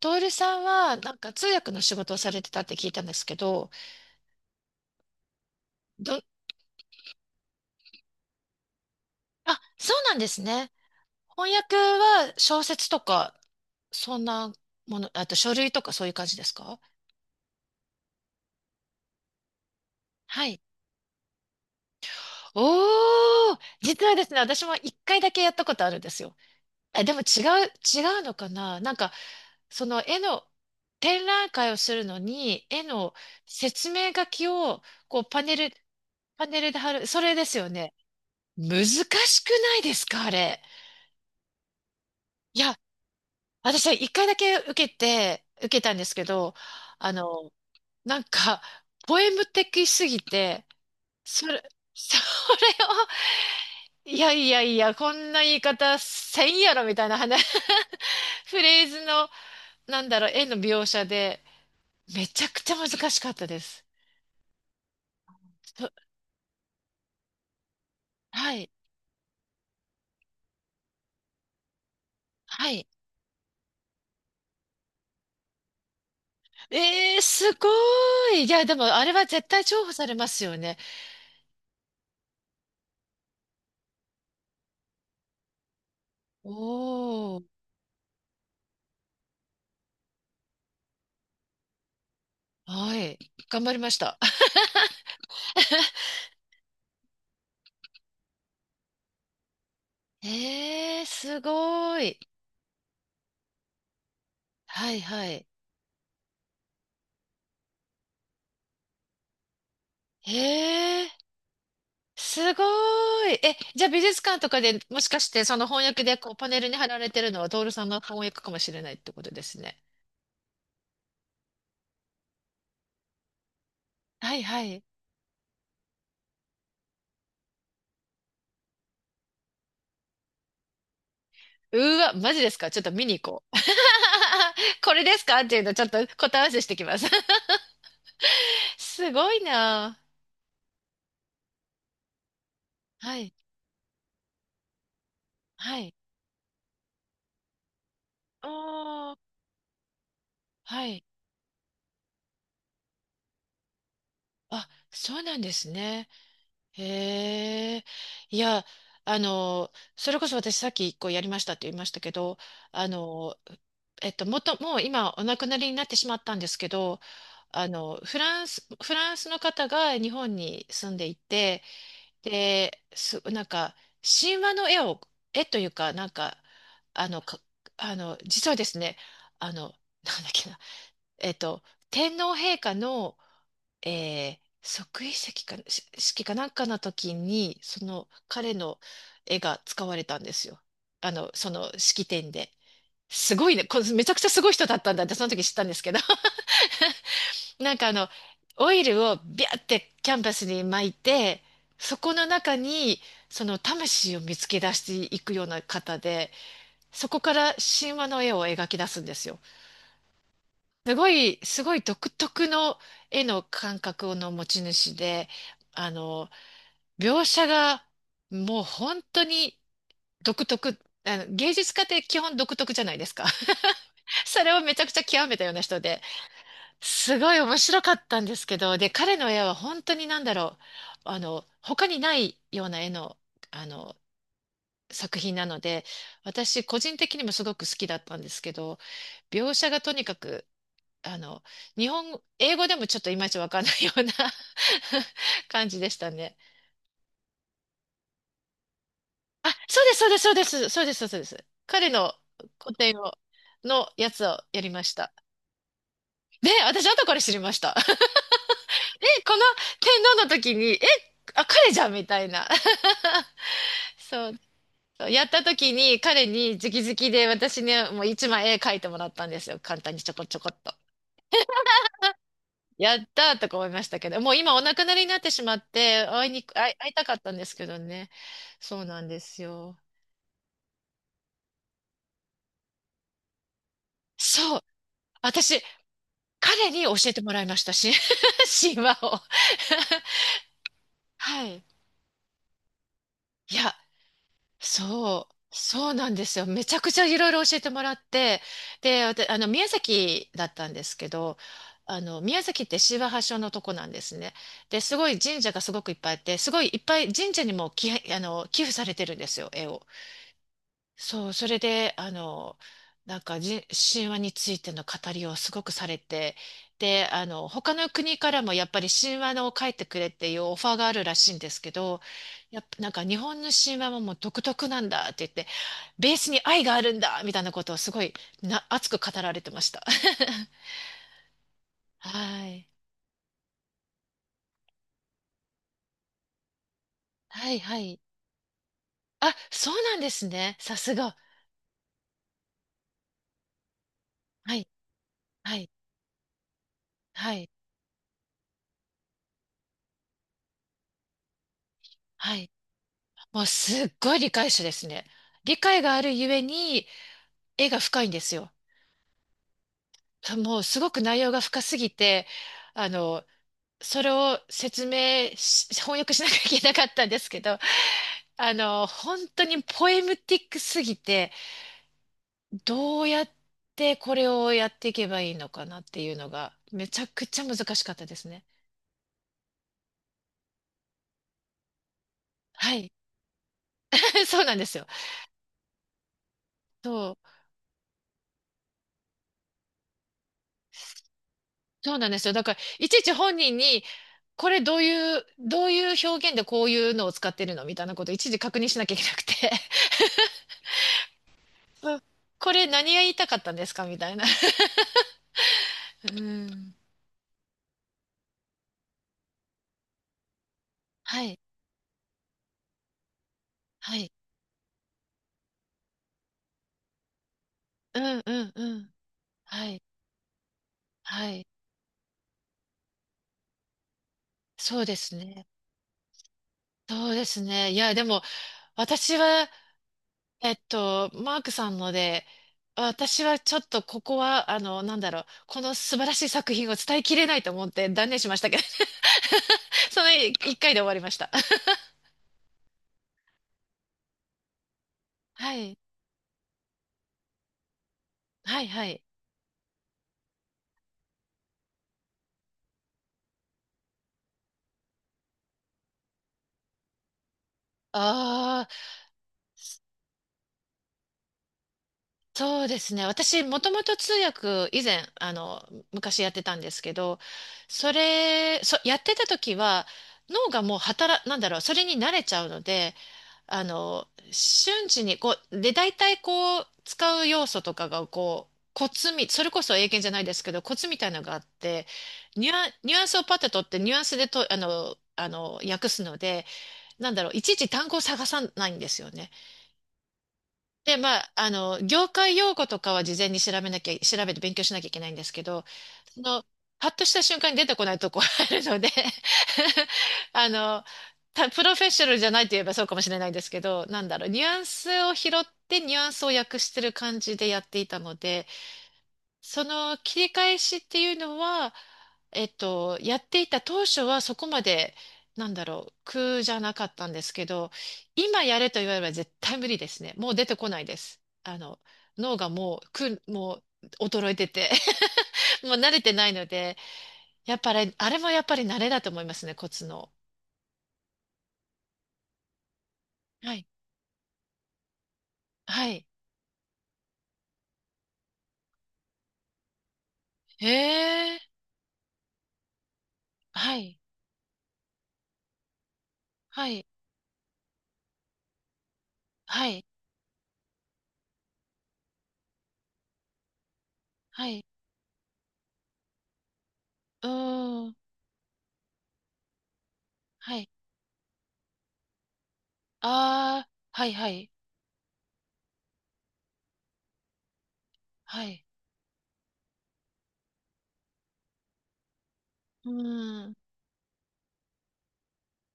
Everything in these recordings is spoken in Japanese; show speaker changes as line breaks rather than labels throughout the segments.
トールさんは、通訳の仕事をされてたって聞いたんですけど、ど、あ、そうなんですね。翻訳は小説とか、そんなもの、あと書類とかそういう感じですか？はい。おー、実はですね、私も一回だけやったことあるんですよ。え、でも違う、違うのかななんか、その絵の展覧会をするのに、絵の説明書きを、こうパネル、パネルで貼る、それですよね。難しくないですかあれ。いや、私は一回だけ受けたんですけど、あの、なんか、ポエム的すぎて、それを、いやいやいや、こんな言い方せんやろみたいな話、フレーズの、なんだろう、絵の描写で、めちゃくちゃ難しかったです。そ、はい、はい。えー、すごい。いや、でも、あれは絶対重宝されますよね。おー、はい。頑張りました。えー、すごい。はいはい。へえ、すごい。え、じゃあ美術館とかでもしかしてその翻訳でこうパネルに貼られてるのはトールさんの翻訳かもしれないってことですね。はいはい。うわ、マジですか、ちょっと見に行こう。これですかっていうのちょっと答え合わせしてきます。すごいな。はい。はい。おー。はい。あ、そうなんですね。へえ、いや、あの、それこそ私さっき一個やりましたって言いましたけど、あの、もう今お亡くなりになってしまったんですけど、フランスの方が日本に住んでいて、で、す、なんか、神話の絵を、絵というか、実はですね、あの、なんだっけな、えっと、天皇陛下の即位式か、し式かなんかの時に、その彼の絵が使われたんですよ。あの、その式典で。すごいね、これめちゃくちゃすごい人だったんだって、その時知ったんですけど、なんかあの、オイルをビャーってキャンバスに巻いて、そこの中に、その魂を見つけ出していくような方で、そこから神話の絵を描き出すんですよ。すごい独特の絵の感覚の持ち主で、あの、描写がもう本当に独特、あの、芸術家って基本独特じゃないですか。それをめちゃくちゃ極めたような人で、すごい面白かったんですけど、で、彼の絵は本当になんだろう、他にないような絵の、あの、作品なので、私個人的にもすごく好きだったんですけど、描写がとにかく、あの、英語でもちょっといまいちわかんないような 感じでしたね。あ、そうです、そうです、そうです、そうです、そうです。彼の個展を、のやつをやりました。で、私後から知りました。え、この天皇の時に、え、あ、彼じゃんみたいな。そう。やった時に彼に直々で私にもう一枚絵描いてもらったんですよ。簡単にちょこちょこっと。やったーとか思いましたけど、もう今お亡くなりになってしまって、会いに、会い、会いたかったんですけどね。そうなんですよ。そう。私、彼に教えてもらいましたし、神話を。はい。いや、そうなんですよ。めちゃくちゃいろいろ教えてもらって、で、わたあの、宮崎だったんですけど、あの、宮崎って神話発祥のとこなんですね。で、すごい神社がすごくいっぱいあって、すごいいっぱい神社にも寄、あの、寄付されてるんですよ、絵を。そう、それで、あの、なんかじ、神話についての語りをすごくされて、で、あの、他の国からもやっぱり神話のを書いてくれっていうオファーがあるらしいんですけど、やっぱなんか日本の神話ももう独特なんだって言って、ベースに愛があるんだみたいなことをすごい熱く語られてました。はい。はいはい。あ、そうなんですね。さすが。はい。はい。はい。はい。もうすっごい理解者ですね。理解があるゆえに、絵が深いんですよ。もうすごく内容が深すぎて、あの、それを説明し、翻訳しなきゃいけなかったんですけど、あの、本当にポエムティックすぎて、どうやってこれをやっていけばいいのかなっていうのが、めちゃくちゃ難しかったですね。はい。そうなんですよ。そう。そうなんですよ。だから、いちいち本人に、これどういう、どういう表現でこういうのを使ってるのみたいなことをいちいち確認しなきゃいけなくて。うん、これ何が言いたかったんですかみたいな。うん。はい。はい。うんうんうん。はい。はい。そうですね。そうですね。いや、でも、私は、えっと、マークさんので、私はちょっとここは、この素晴らしい作品を伝えきれないと思って断念しましたけど、その一回で終わりました。はい。はいはい。ああ。そうですね。もともと通訳、以前、あの、昔やってたんですけど、それ、そ、やってた時は、脳がもう働、なんだろう、それに慣れちゃうので、瞬時に、こう、で、大体こう、使う要素とかが、こう、コツみ、それこそ英検じゃないですけど、コツみたいなのがあって、ニュアンスをパッと取って、ニュアンスでと、あの、あの、訳すので、なんだろう、いちいち単語を探さないんですよね。で、まあ、あの、業界用語とかは事前に調べなきゃ、調べて勉強しなきゃいけないんですけど、その、パッとした瞬間に出てこないとこあるので あの、プロフェッショナルじゃないと言えばそうかもしれないんですけど、なんだろう、ニュアンスを拾ってニュアンスを訳してる感じでやっていたので、その切り返しっていうのは、えっと、やっていた当初はそこまで、なんだろう、苦じゃなかったんですけど、今やれと言われれば絶対無理ですね。もう出てこないです。あの、脳がもう、もう衰えてて もう慣れてないので、やっぱり、あれもやっぱり慣れだと思いますね、コツの。はい。はい。へえ。はい。はい。はい。はい。うーん。はい。ああ。はい。はい。はい。うーん。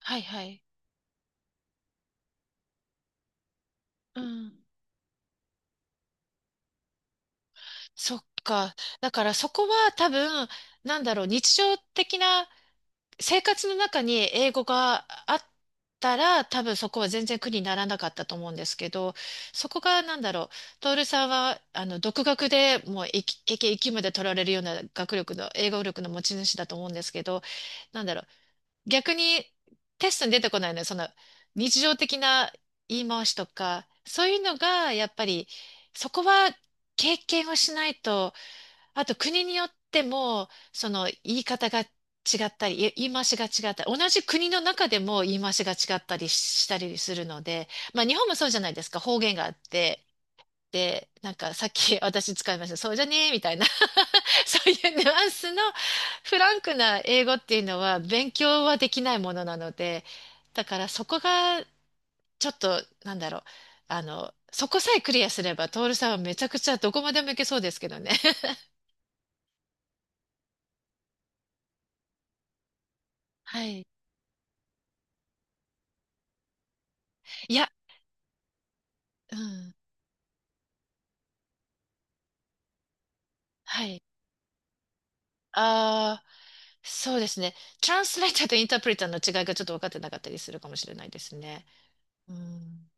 はいはい。うん。そっか。だからそこは多分、なんだろう、日常的な生活の中に英語があったら、多分そこは全然苦にならなかったと思うんですけど、そこがなんだろう、徹さんは、あの、独学でもう、いきまで取られるような学力の、英語力の持ち主だと思うんですけど、なんだろう、逆にテストに出てこないのは、その日常的な言い回しとか、そういうのがやっぱりそこは経験をしないと、あと国によってもその言い方が違ったり、言い回しが違ったり、同じ国の中でも言い回しが違ったりしたりするので、まあ日本もそうじゃないですか、方言があって。で、なんかさっき 私使いました。そうじゃねえみたいな そういうニュアンスのフランクな英語っていうのは勉強はできないものなので、だからそこがちょっと、なんだろう、あの、そこさえクリアすれば、トールさんはめちゃくちゃどこまでもいけそうですけどね。はい。いや、うん。はい。ああ、そうですね。トランスレーターとインタープリターの違いがちょっと分かってなかったりするかもしれないですね。うん。